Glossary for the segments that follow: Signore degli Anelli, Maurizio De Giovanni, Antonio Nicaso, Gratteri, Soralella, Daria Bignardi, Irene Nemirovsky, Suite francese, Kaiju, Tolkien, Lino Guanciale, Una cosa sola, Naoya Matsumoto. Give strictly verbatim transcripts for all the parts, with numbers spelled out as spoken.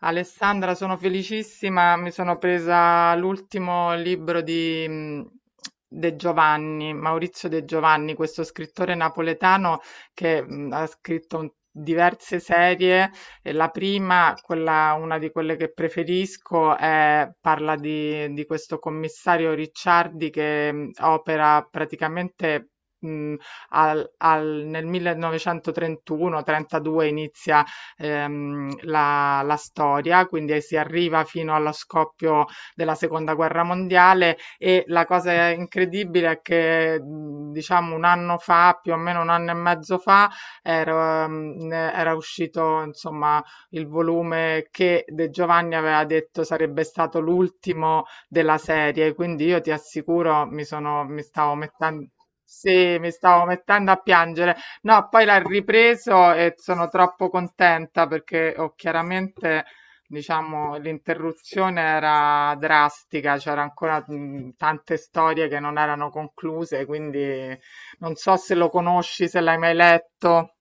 Alessandra, sono felicissima, mi sono presa l'ultimo libro di mh, De Giovanni, Maurizio De Giovanni, questo scrittore napoletano che mh, ha scritto un- diverse serie. E la prima, quella, una di quelle che preferisco, è- parla di, di questo commissario Ricciardi, che mh, opera praticamente mh, al- al- nel millenovecentotrentuno-trentadue. Inizia ehm, la, la storia, quindi si arriva fino allo scoppio della seconda guerra mondiale. E la cosa incredibile è che mh, diciamo un anno fa, più o meno un anno e mezzo fa, era, mh, era uscito, insomma, il volume che De Giovanni aveva detto sarebbe stato l'ultimo della serie. Quindi, io ti assicuro, mi sono, mi stavo mettendo, sì, mi stavo mettendo a piangere. No, poi l'ha ripreso e sono troppo contenta perché, ho chiaramente, diciamo, l'interruzione era drastica, c'era ancora mh, tante storie che non erano concluse. Quindi non so se lo conosci, se l'hai mai letto.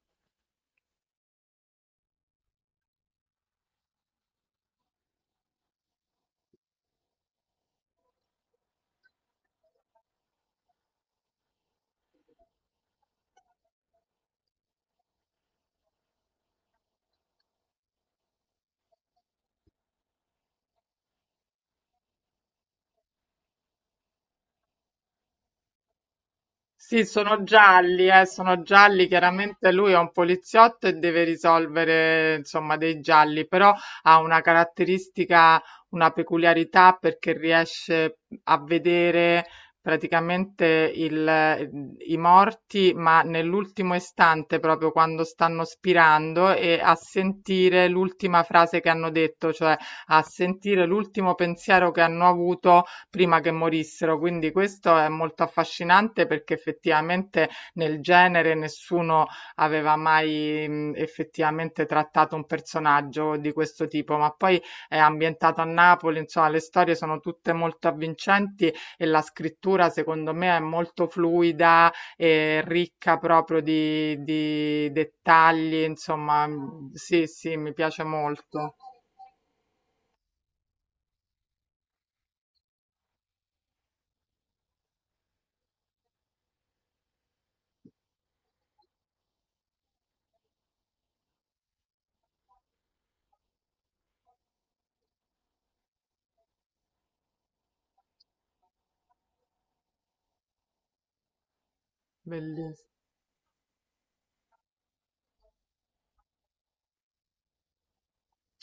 Sì, sono gialli, eh, sono gialli. Chiaramente lui è un poliziotto e deve risolvere, insomma, dei gialli, però ha una caratteristica, una peculiarità, perché riesce a vedere praticamente il- i morti, ma nell'ultimo istante, proprio quando stanno spirando, e a sentire l'ultima frase che hanno detto, cioè a sentire l'ultimo pensiero che hanno avuto prima che morissero. Quindi questo è molto affascinante, perché effettivamente nel genere nessuno aveva mai mh, effettivamente trattato un personaggio di questo tipo. Ma poi è ambientato a Napoli, insomma le storie sono tutte molto avvincenti e la scrittura, secondo me, è molto fluida e ricca proprio di, di dettagli, insomma, mh, sì, sì, mi piace molto, bellissimo.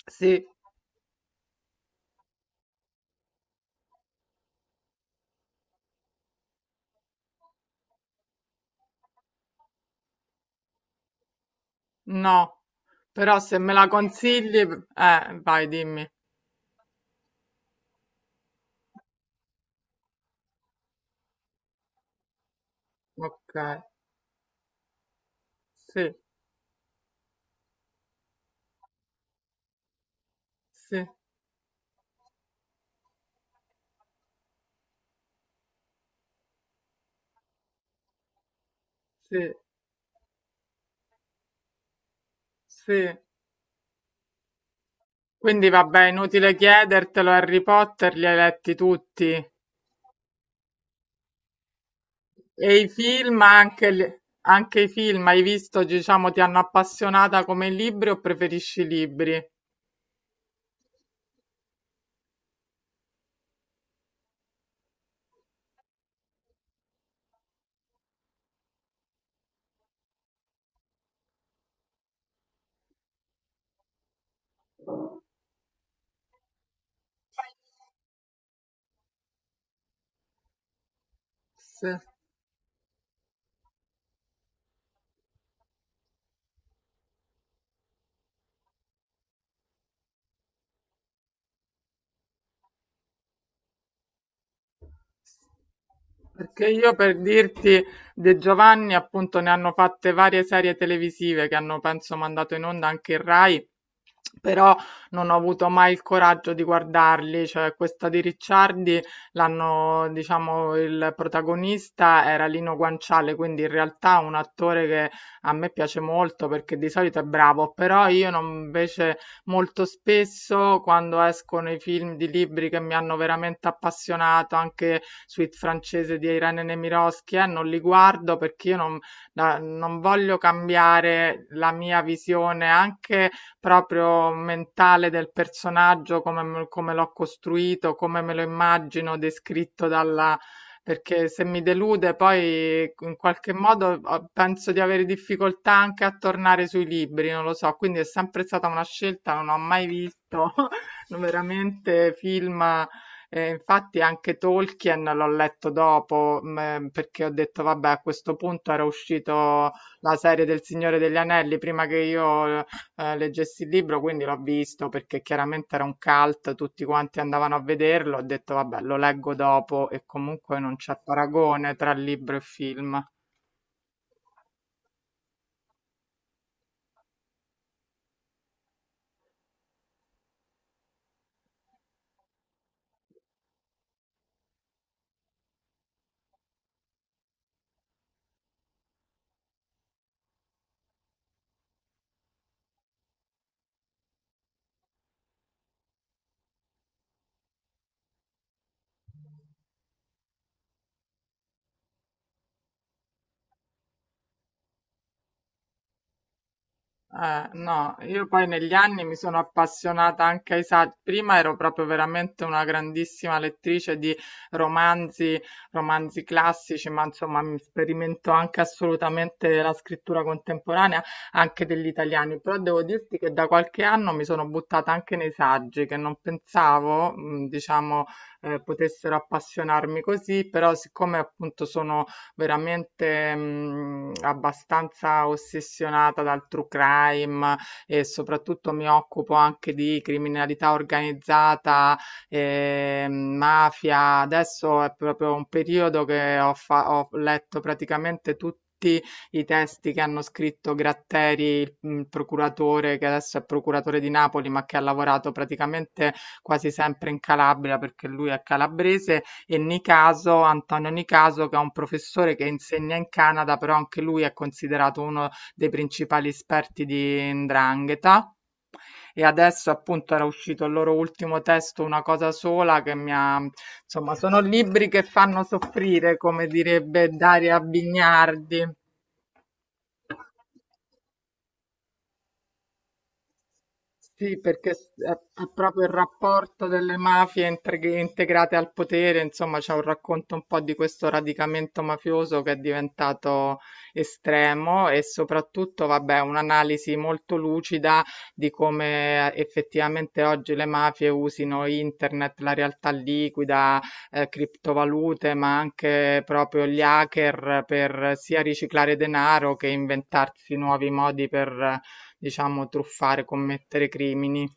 Sì. No, però se me la consigli, eh, vai, dimmi. Ok, sì, sì, sì, sì. Quindi vabbè, inutile chiedertelo, Harry Potter li hai letti tutti. E i film, anche, li- anche i film, hai visto, diciamo, ti hanno appassionata come i libri, o preferisci i libri? Sì. Perché, io per dirti, De Giovanni appunto ne hanno fatte varie serie televisive, che hanno, penso, mandato in onda anche il Rai. Però non ho avuto mai il coraggio di guardarli, cioè questa di Ricciardi l'hanno, diciamo, il protagonista era Lino Guanciale, quindi in realtà un attore che a me piace molto perché di solito è bravo, però io non, invece, molto spesso, quando escono i film di libri che mi hanno veramente appassionato, anche Suite francese di Irene Nemirovsky, eh, non li guardo, perché io non, la- non voglio cambiare la mia visione anche proprio mentale del personaggio, come, m- come l'ho costruito, come me lo immagino descritto dalla. Perché se mi delude poi in qualche modo, ho- penso di avere difficoltà anche a tornare sui libri, non lo so. Quindi è sempre stata una scelta, non ho mai visto veramente film. Eh, infatti anche Tolkien l'ho letto dopo, mh, perché ho detto, vabbè, a questo punto era uscito la serie del Signore degli Anelli prima che io eh, leggessi il libro, quindi l'ho visto perché chiaramente era un cult, tutti quanti andavano a vederlo, ho detto vabbè, lo leggo dopo, e comunque non c'è paragone tra libro e film. Eh, no, io poi negli anni mi sono appassionata anche ai saggi. Prima ero proprio veramente una grandissima lettrice di romanzi, romanzi classici, ma insomma mi sperimento anche assolutamente la scrittura contemporanea, anche degli italiani. Però devo dirti che da qualche anno mi sono buttata anche nei saggi, che non pensavo, mh, diciamo, eh, potessero appassionarmi così. Però, siccome appunto sono veramente mh, abbastanza ossessionata dal true crime, e soprattutto mi occupo anche di criminalità organizzata, eh, mafia. Adesso è proprio un periodo che ho, fa- ho letto praticamente tutti i testi che hanno scritto Gratteri, il mh, procuratore, che adesso è procuratore di Napoli, ma che ha lavorato praticamente quasi sempre in Calabria perché lui è calabrese, e Nicaso, Antonio Nicaso, che è un professore che insegna in Canada, però anche lui è considerato uno dei principali esperti di 'ndrangheta. E adesso, appunto, era uscito il loro ultimo testo, Una cosa sola, che mi ha. Insomma, sono libri che fanno soffrire, come direbbe Daria Bignardi. Sì, perché s- è, è proprio il rapporto delle mafie integ- integrate al potere, insomma, c'è un racconto un po' di questo radicamento mafioso che è diventato estremo, e soprattutto, vabbè, un'analisi molto lucida di come effettivamente oggi le mafie usino internet, la realtà liquida, eh, criptovalute, ma anche proprio gli hacker, per sia riciclare denaro che inventarsi nuovi modi per, diciamo, truffare, commettere crimini.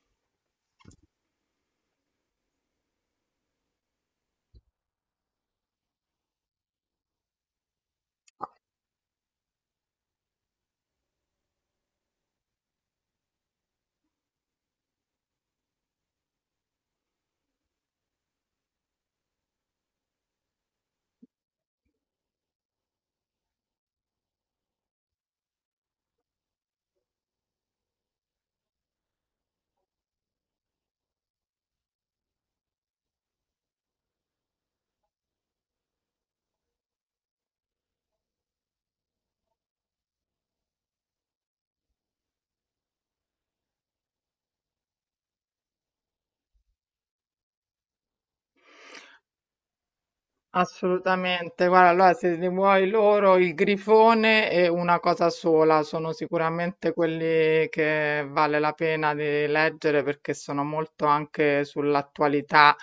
Assolutamente, guarda, allora se li vuoi loro, Il grifone è una cosa sola, sono sicuramente quelli che vale la pena di leggere perché sono molto anche sull'attualità,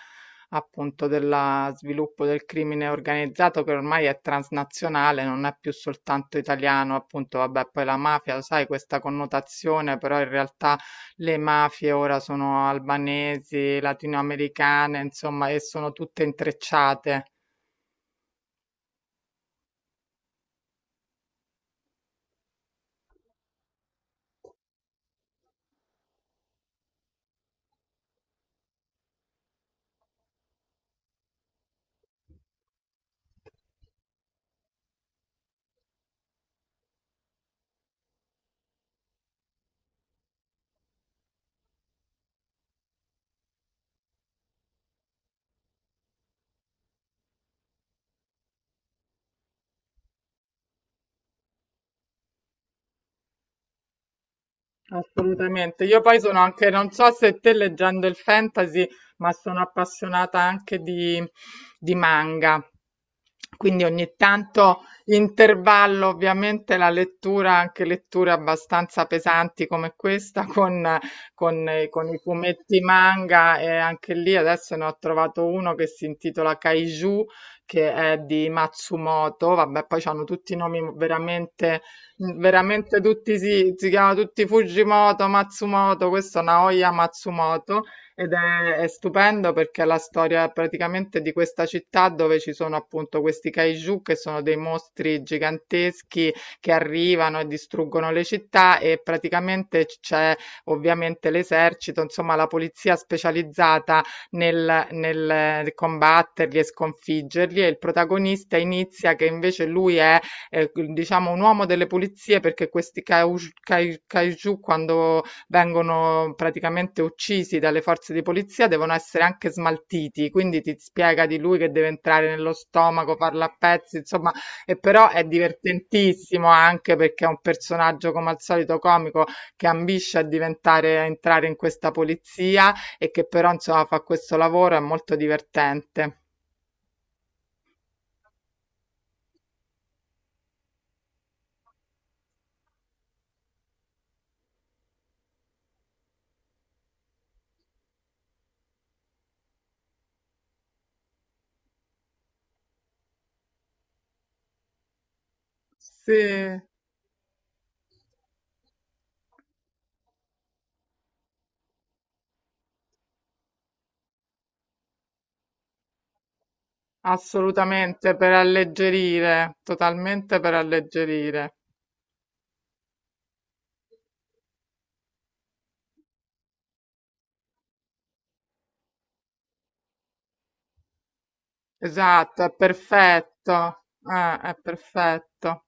appunto, dello sviluppo del crimine organizzato, che ormai è transnazionale, non è più soltanto italiano. Appunto, vabbè, poi la mafia, lo sai, questa connotazione, però in realtà le mafie ora sono albanesi, latinoamericane, insomma, e sono tutte intrecciate. Assolutamente. Io poi sono anche, non so se te leggendo il fantasy, ma sono appassionata anche di, di manga. Quindi ogni tanto intervallo ovviamente la lettura, anche letture abbastanza pesanti come questa, con, con, con i fumetti manga, e anche lì adesso ne ho trovato uno che si intitola Kaiju, che è di Matsumoto. Vabbè, poi hanno tutti i nomi veramente, veramente tutti, si, si chiamano tutti Fujimoto, Matsumoto, questo Naoya Matsumoto, ed è, è stupendo, perché è la storia praticamente di questa città dove ci sono, appunto, questi kaiju, che sono dei mostri giganteschi che arrivano e distruggono le città, e praticamente c- c'è ovviamente l'esercito, insomma la polizia specializzata nel, nel combatterli e sconfiggerli, e il protagonista inizia che invece lui è, eh, diciamo, un uomo delle pulizie, perché questi kaiju, kai- kaiju, quando vengono praticamente uccisi dalle forze di polizia, devono essere anche smaltiti, quindi ti spiega di lui che deve entrare nello stomaco, farlo a pezzi, insomma, e però è divertentissimo, anche perché è un personaggio, come al solito, comico, che ambisce a diventare, a entrare in questa polizia, e che però, insomma, fa questo lavoro, è molto divertente. Sì, assolutamente, per alleggerire, totalmente per alleggerire. Esatto, è perfetto, eh, è perfetto.